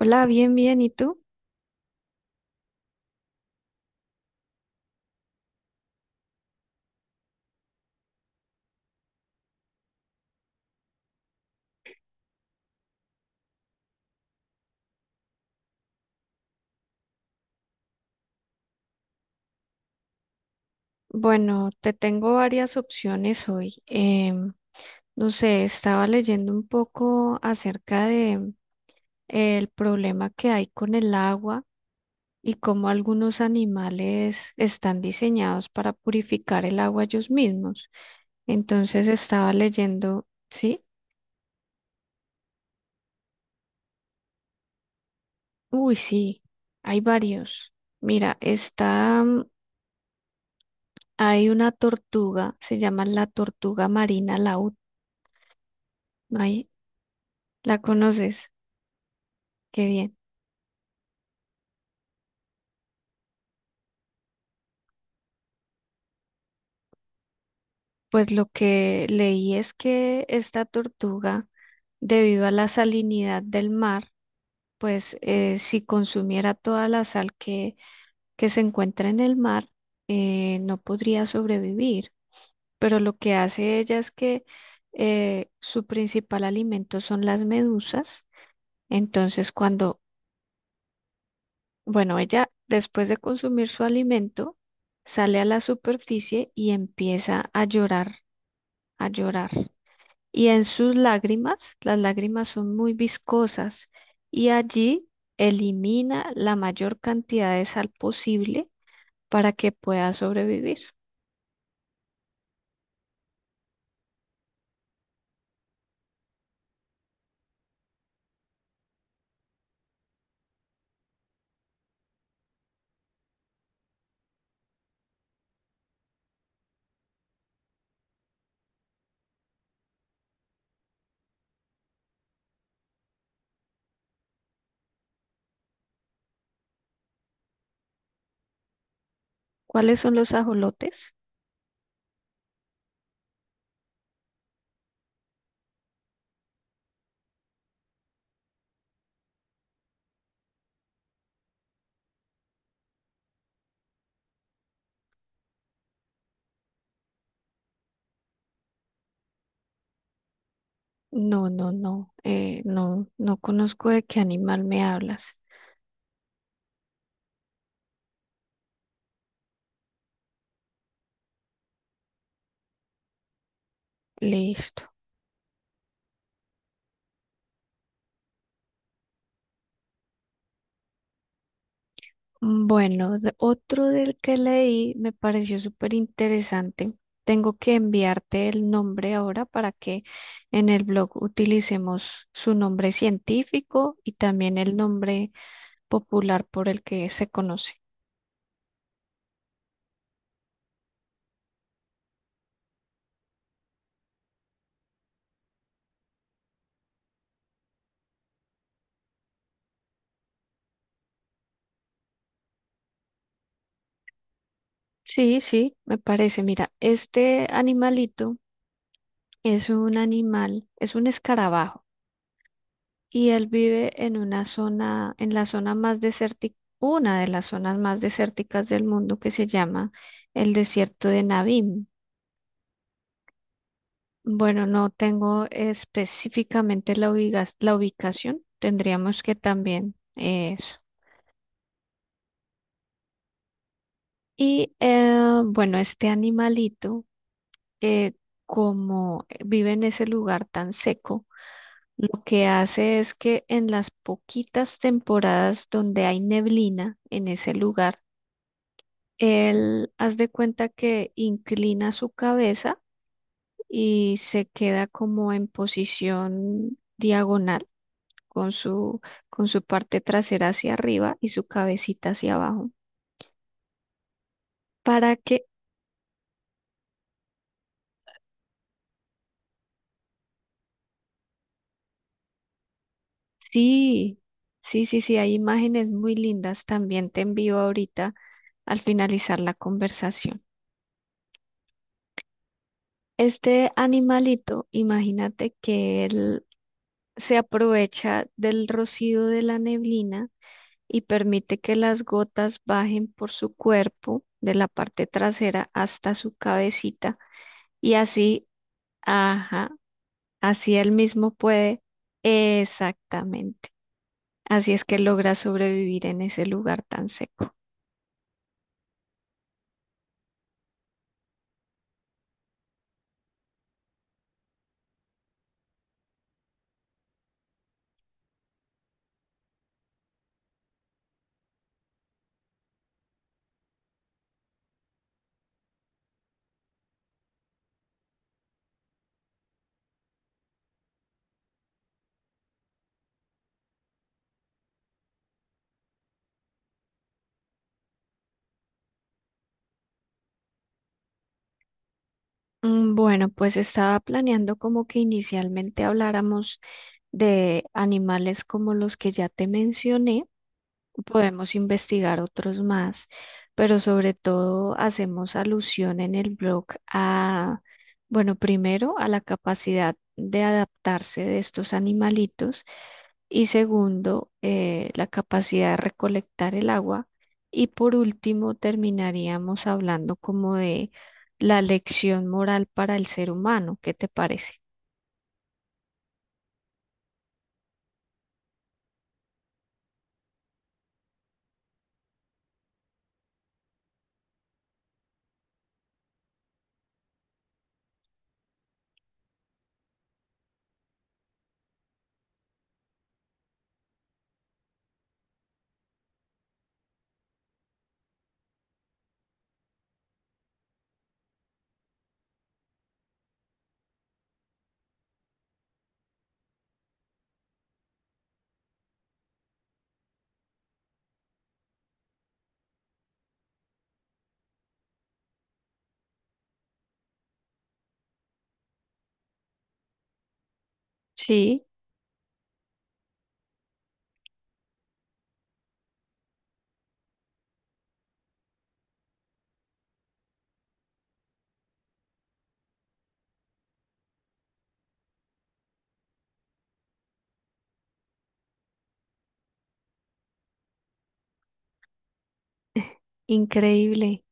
Hola, bien, bien. ¿Y tú? Bueno, te tengo varias opciones hoy. No sé, estaba leyendo un poco acerca de el problema que hay con el agua y cómo algunos animales están diseñados para purificar el agua ellos mismos. Entonces estaba leyendo, ¿sí? Uy, sí, hay varios. Mira, está, hay una tortuga, se llama la tortuga marina laúd. ¿Ahí? ¿La conoces? Qué bien. Pues lo que leí es que esta tortuga, debido a la salinidad del mar, pues si consumiera toda la sal que se encuentra en el mar, no podría sobrevivir. Pero lo que hace ella es que su principal alimento son las medusas. Entonces, cuando, bueno, ella después de consumir su alimento, sale a la superficie y empieza a llorar, a llorar. Y en sus lágrimas, las lágrimas son muy viscosas y allí elimina la mayor cantidad de sal posible para que pueda sobrevivir. ¿Cuáles son los ajolotes? No, no, no, no, no conozco de qué animal me hablas. Listo. Bueno, otro del que leí me pareció súper interesante. Tengo que enviarte el nombre ahora para que en el blog utilicemos su nombre científico y también el nombre popular por el que se conoce. Sí, sí, me parece. Mira, este animalito es un animal, es un escarabajo. Y él vive en una zona, en la zona más desértica, una de las zonas más desérticas del mundo que se llama el desierto de Navín. Bueno, no tengo específicamente la la ubicación, tendríamos que también eso. Y bueno, este animalito, eh, como vive en ese lugar tan seco, lo que hace es que en las poquitas temporadas donde hay neblina en ese lugar, él, haz de cuenta que inclina su cabeza y se queda como en posición diagonal con con su parte trasera hacia arriba y su cabecita hacia abajo. Para que, sí, sí, sí, sí, hay imágenes muy lindas. También te envío ahorita al finalizar la conversación. Este animalito, imagínate que él se aprovecha del rocío de la neblina y permite que las gotas bajen por su cuerpo de la parte trasera hasta su cabecita y así, ajá, así él mismo puede, exactamente. Así es que logra sobrevivir en ese lugar tan seco. Mm, bueno, pues estaba planeando como que inicialmente habláramos de animales como los que ya te mencioné. Podemos investigar otros más, pero sobre todo hacemos alusión en el blog a, bueno, primero a la capacidad de adaptarse de estos animalitos y segundo, la capacidad de recolectar el agua y por último terminaríamos hablando como de la lección moral para el ser humano. ¿Qué te parece? Sí, increíble,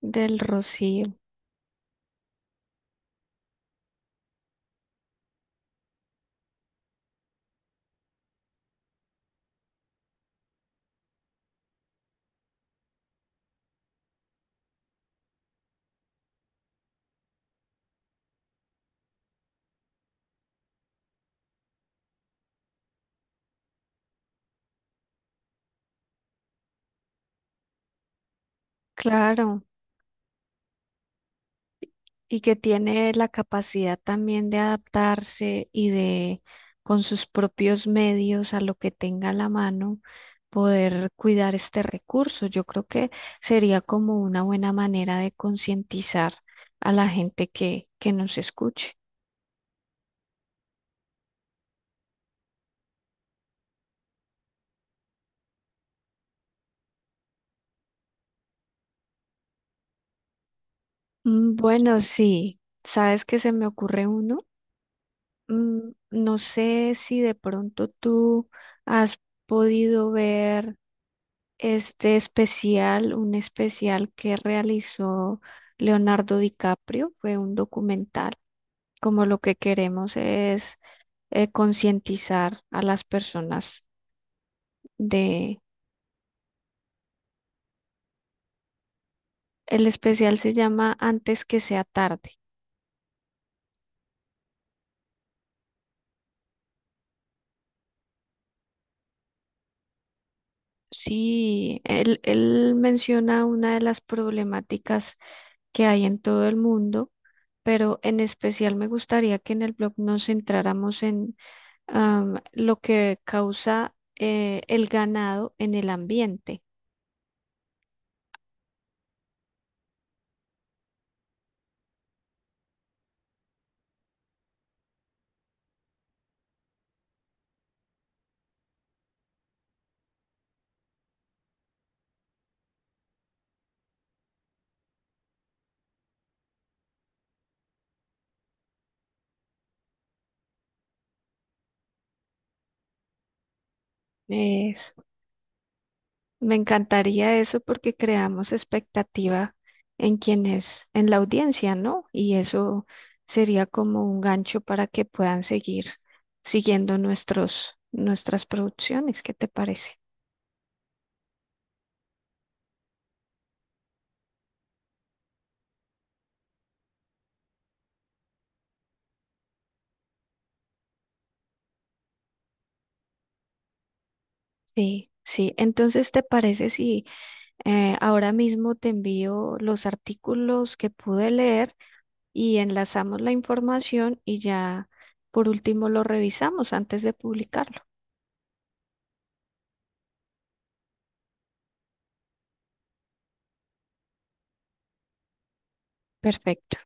del rocío. Claro. Y que tiene la capacidad también de adaptarse con sus propios medios, a lo que tenga a la mano, poder cuidar este recurso. Yo creo que sería como una buena manera de concientizar a la gente que nos escuche. Mm, bueno, sí, ¿sabes qué se me ocurre uno? Mm, no sé si de pronto tú has podido ver este especial, un especial que realizó Leonardo DiCaprio, fue un documental, como lo que queremos es concientizar a las personas de... El especial se llama Antes que sea tarde. Sí, él menciona una de las problemáticas que hay en todo el mundo, pero en especial me gustaría que en el blog nos centráramos en lo que causa el ganado en el ambiente. Es- Me encantaría eso porque creamos expectativa en en la audiencia, ¿no? Y eso sería como un gancho para que puedan seguir siguiendo nuestras producciones. ¿Qué te parece? Sí, sí. Entonces, ¿te parece si ahora mismo te envío los artículos que pude leer? Y enlazamos la información y ya por último lo revisamos antes de publicarlo. Perfecto.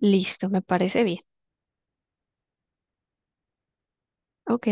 Listo, me parece bien. Ok.